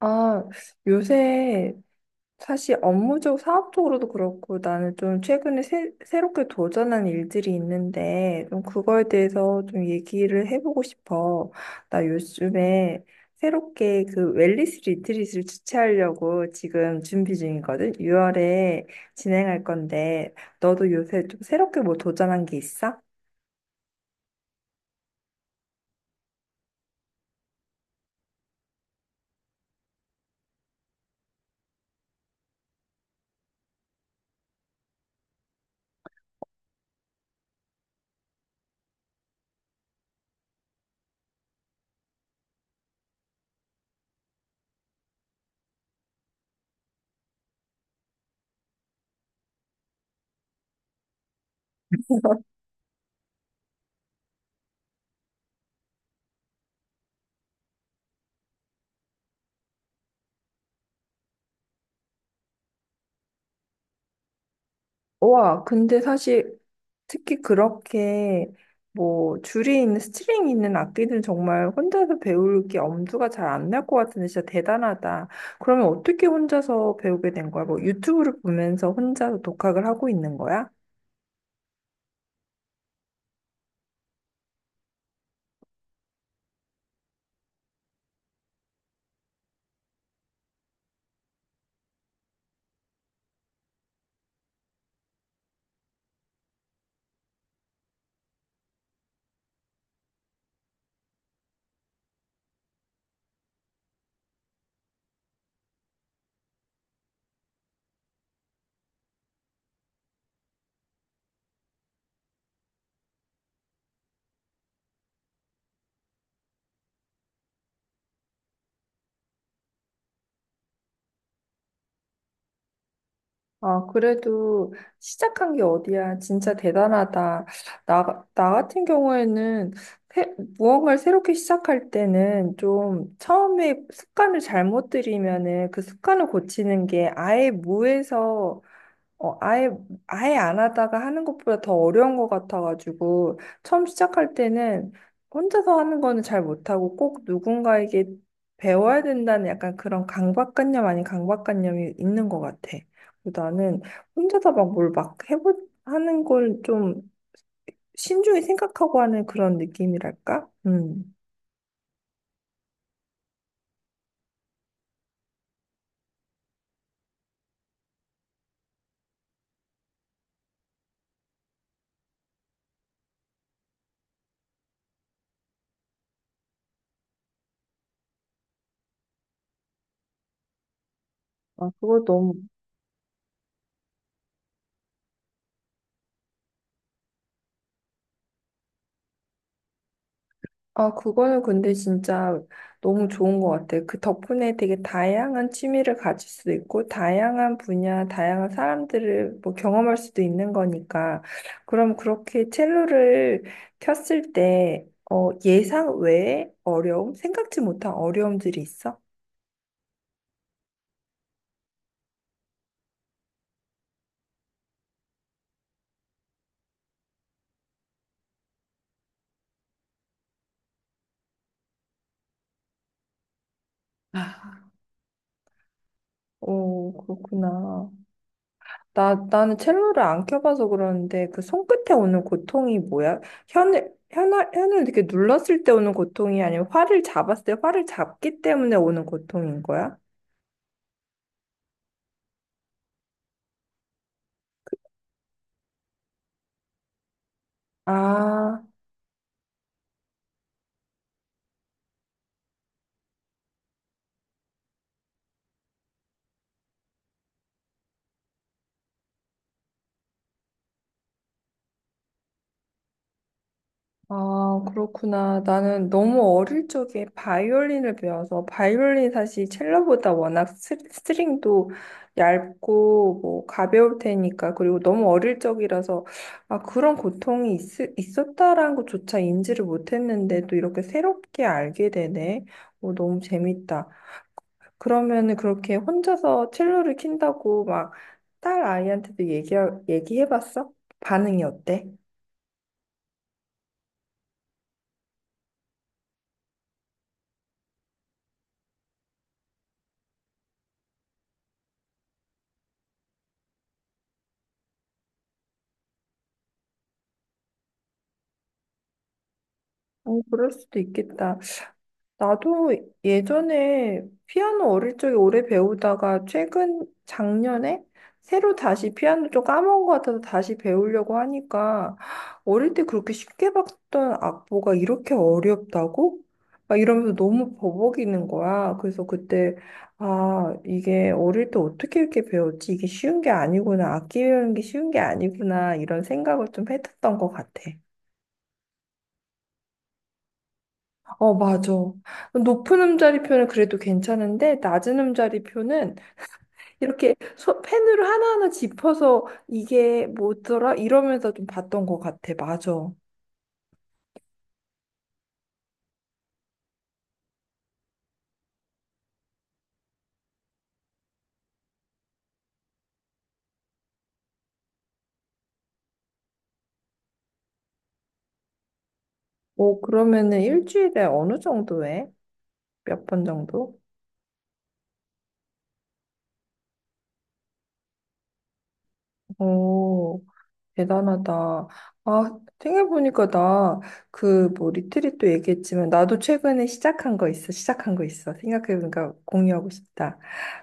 아, 요새 사실 업무적, 사업적으로도 그렇고 나는 좀 최근에 새롭게 도전한 일들이 있는데 좀 그거에 대해서 좀 얘기를 해보고 싶어. 나 요즘에 새롭게 그 웰니스 리트릿을 주최하려고 지금 준비 중이거든. 6월에 진행할 건데 너도 요새 좀 새롭게 뭐 도전한 게 있어? 와, 근데 사실 특히 그렇게 뭐 줄이 있는 스트링이 있는 악기는 정말 혼자서 배울 게 엄두가 잘 안 날 것 같은데 진짜 대단하다. 그러면 어떻게 혼자서 배우게 된 거야? 뭐 유튜브를 보면서 혼자서 독학을 하고 있는 거야? 아, 그래도 시작한 게 어디야. 진짜 대단하다. 나 같은 경우에는 무언가를 새롭게 시작할 때는 좀 처음에 습관을 잘못 들이면은 그 습관을 고치는 게 아예 무에서 어, 아예, 아예 안 하다가 하는 것보다 더 어려운 것 같아가지고, 처음 시작할 때는 혼자서 하는 거는 잘 못하고 꼭 누군가에게 배워야 된다는 약간 그런 강박관념 아닌 강박관념이 있는 것 같아. 그리고 나는 혼자서 막 뭘 막 하는 걸 좀 신중히 생각하고 하는 그런 느낌이랄까? 음. 아, 그거 너무 아, 그거는 근데 진짜 너무 좋은 것 같아. 그 덕분에 되게 다양한 취미를 가질 수도 있고, 다양한 분야, 다양한 사람들을 뭐 경험할 수도 있는 거니까. 그럼 그렇게 첼로를 켰을 때, 어, 예상 외의 어려움? 생각지 못한 어려움들이 있어? 아, 오, 그렇구나. 나는 첼로를 안 켜봐서 그러는데 그 손끝에 오는 고통이 뭐야? 혀를 이렇게 눌렀을 때 오는 고통이 아니면 활을 잡았을 때 활을 잡기 때문에 오는 고통인 거야? 아, 아, 그렇구나. 나는 너무 어릴 적에 바이올린을 배워서 바이올린 사실 첼로보다 워낙 스트링도 얇고 뭐 가벼울 테니까 그리고 너무 어릴 적이라서 아, 그런 고통이 있었다라는 것조차 인지를 못했는데 또 이렇게 새롭게 알게 되네. 오, 너무 재밌다. 그러면은 그렇게 혼자서 첼로를 킨다고 막 딸 아이한테도 얘기해봤어? 반응이 어때? 어, 그럴 수도 있겠다. 나도 예전에 피아노 어릴 적에 오래 배우다가 최근 작년에 새로 다시 피아노 좀 까먹은 것 같아서 다시 배우려고 하니까 어릴 때 그렇게 쉽게 봤던 악보가 이렇게 어렵다고? 막 이러면서 너무 버벅이는 거야. 그래서 그때 아, 이게 어릴 때 어떻게 이렇게 배웠지? 이게 쉬운 게 아니구나. 악기 배우는 게 쉬운 게 아니구나. 이런 생각을 좀 했었던 것 같아. 어, 맞아. 높은 음자리표는 그래도 괜찮은데, 낮은 음자리표는 이렇게 펜으로 하나하나 짚어서 이게 뭐더라? 이러면서 좀 봤던 것 같아. 맞아. 오, 그러면은 일주일에 어느 정도 해? 몇 번 정도? 오, 대단하다. 아, 생각해보니까 나 그 뭐 리트릿도 얘기했지만, 나도 최근에 시작한 거 있어. 시작한 거 있어. 생각해보니까 공유하고 싶다.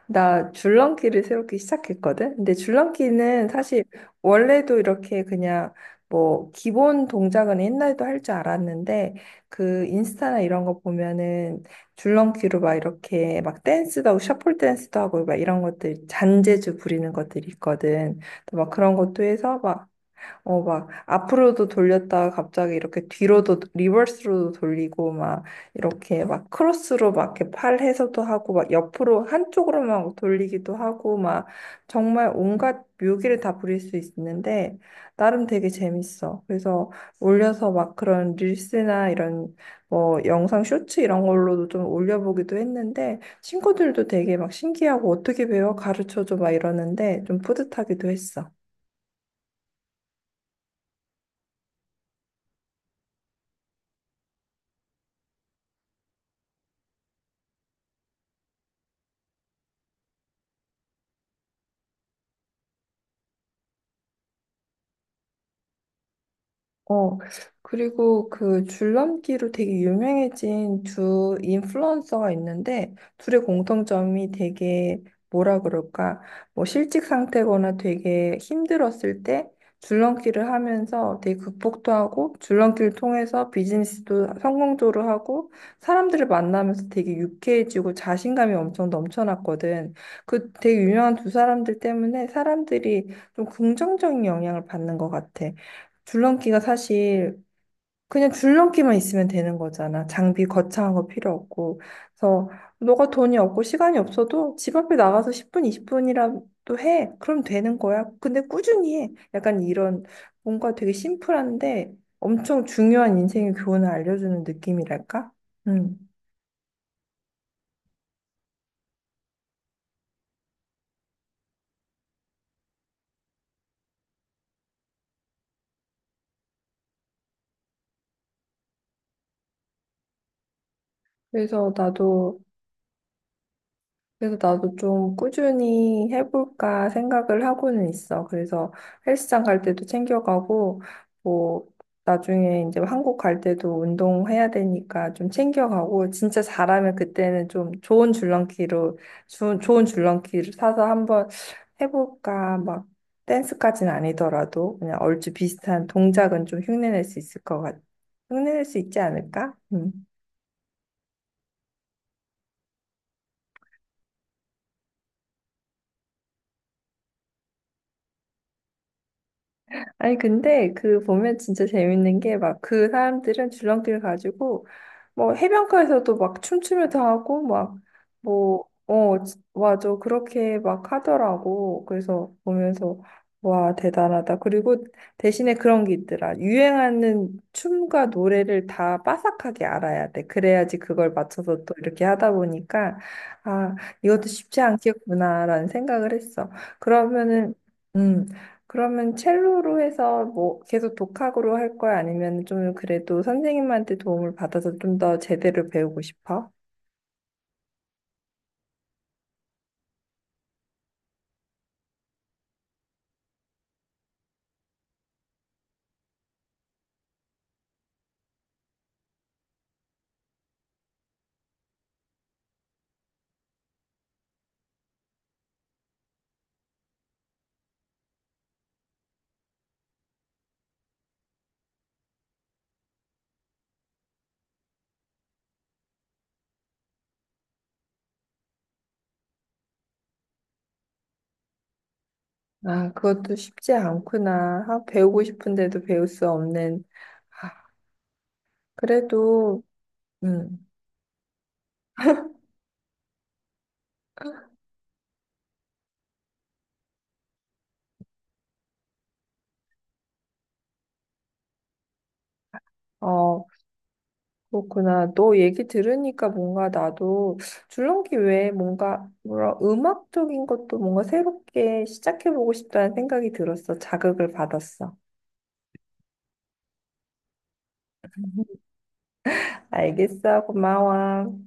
나 줄넘기를 새롭게 시작했거든? 근데 줄넘기는 사실 원래도 이렇게 그냥 뭐 기본 동작은 옛날에도 할 줄 알았는데 그 인스타나 이런 거 보면은 줄넘기로 막 이렇게 막 댄스도 하고 셔플 댄스도 하고 막 이런 것들 잔재주 부리는 것들이 있거든. 또 막 그런 것도 해서 어, 막, 앞으로도 돌렸다가 갑자기 이렇게 뒤로도, 리버스로도 돌리고, 막, 이렇게 막, 크로스로 막, 이렇게 팔 해서도 하고, 막, 옆으로, 한쪽으로만 돌리기도 하고, 막, 정말 온갖 묘기를 다 부릴 수 있는데, 나름 되게 재밌어. 그래서 올려서 막 그런 릴스나 이런, 뭐, 영상 쇼츠 이런 걸로도 좀 올려보기도 했는데, 친구들도 되게 막 신기하고, 어떻게 배워? 가르쳐줘? 막 이러는데, 좀 뿌듯하기도 했어. 어, 그리고 그 줄넘기로 되게 유명해진 두 인플루언서가 있는데, 둘의 공통점이 되게 뭐라 그럴까, 뭐 실직 상태거나 되게 힘들었을 때 줄넘기를 하면서 되게 극복도 하고, 줄넘기를 통해서 비즈니스도 성공적으로 하고, 사람들을 만나면서 되게 유쾌해지고 자신감이 엄청 넘쳐났거든. 그 되게 유명한 두 사람들 때문에 사람들이 좀 긍정적인 영향을 받는 것 같아. 줄넘기가 사실 그냥 줄넘기만 있으면 되는 거잖아. 장비 거창한 거 필요 없고. 그래서 너가 돈이 없고 시간이 없어도 집 앞에 나가서 10분, 20분이라도 해. 그럼 되는 거야. 근데 꾸준히 해. 약간 이런 뭔가 되게 심플한데 엄청 중요한 인생의 교훈을 알려주는 느낌이랄까? 음. 그래서 나도 그래서 나도 좀 꾸준히 해볼까 생각을 하고는 있어. 그래서 헬스장 갈 때도 챙겨가고, 뭐, 나중에 이제 한국 갈 때도 운동해야 되니까 좀 챙겨가고, 진짜 잘하면 그때는 좀 좋은 줄넘기로, 좋은 줄넘기를 사서 한번 해볼까, 막, 댄스까지는 아니더라도, 그냥 얼추 비슷한 동작은 좀 흉내낼 수 있을 것 같아. 흉내낼 수 있지 않을까? 음. 아니, 근데 그 보면 진짜 재밌는 게 막 그 사람들은 줄넘기를 가지고 뭐 해변가에서도 막 춤추면서 하고 막 뭐, 어, 맞아. 그렇게 막 하더라고. 그래서 보면서 와, 대단하다. 그리고 대신에 그런 게 있더라. 유행하는 춤과 노래를 다 빠삭하게 알아야 돼. 그래야지 그걸 맞춰서 또 이렇게 하다 보니까 아, 이것도 쉽지 않겠구나라는 생각을 했어. 그러면은 음. 그러면 첼로로 해서 뭐 계속 독학으로 할 거야? 아니면 좀 그래도 선생님한테 도움을 받아서 좀 더 제대로 배우고 싶어? 아, 그것도 쉽지 않구나. 아, 배우고 싶은데도 배울 수 없는. 아, 그래도, 음, 어, 그렇구나. 너 얘기 들으니까 뭔가 나도 줄넘기 외에 뭔가, 뭐라, 음악적인 것도 뭔가 새롭게 시작해보고 싶다는 생각이 들었어. 자극을 받았어. 알겠어. 고마워.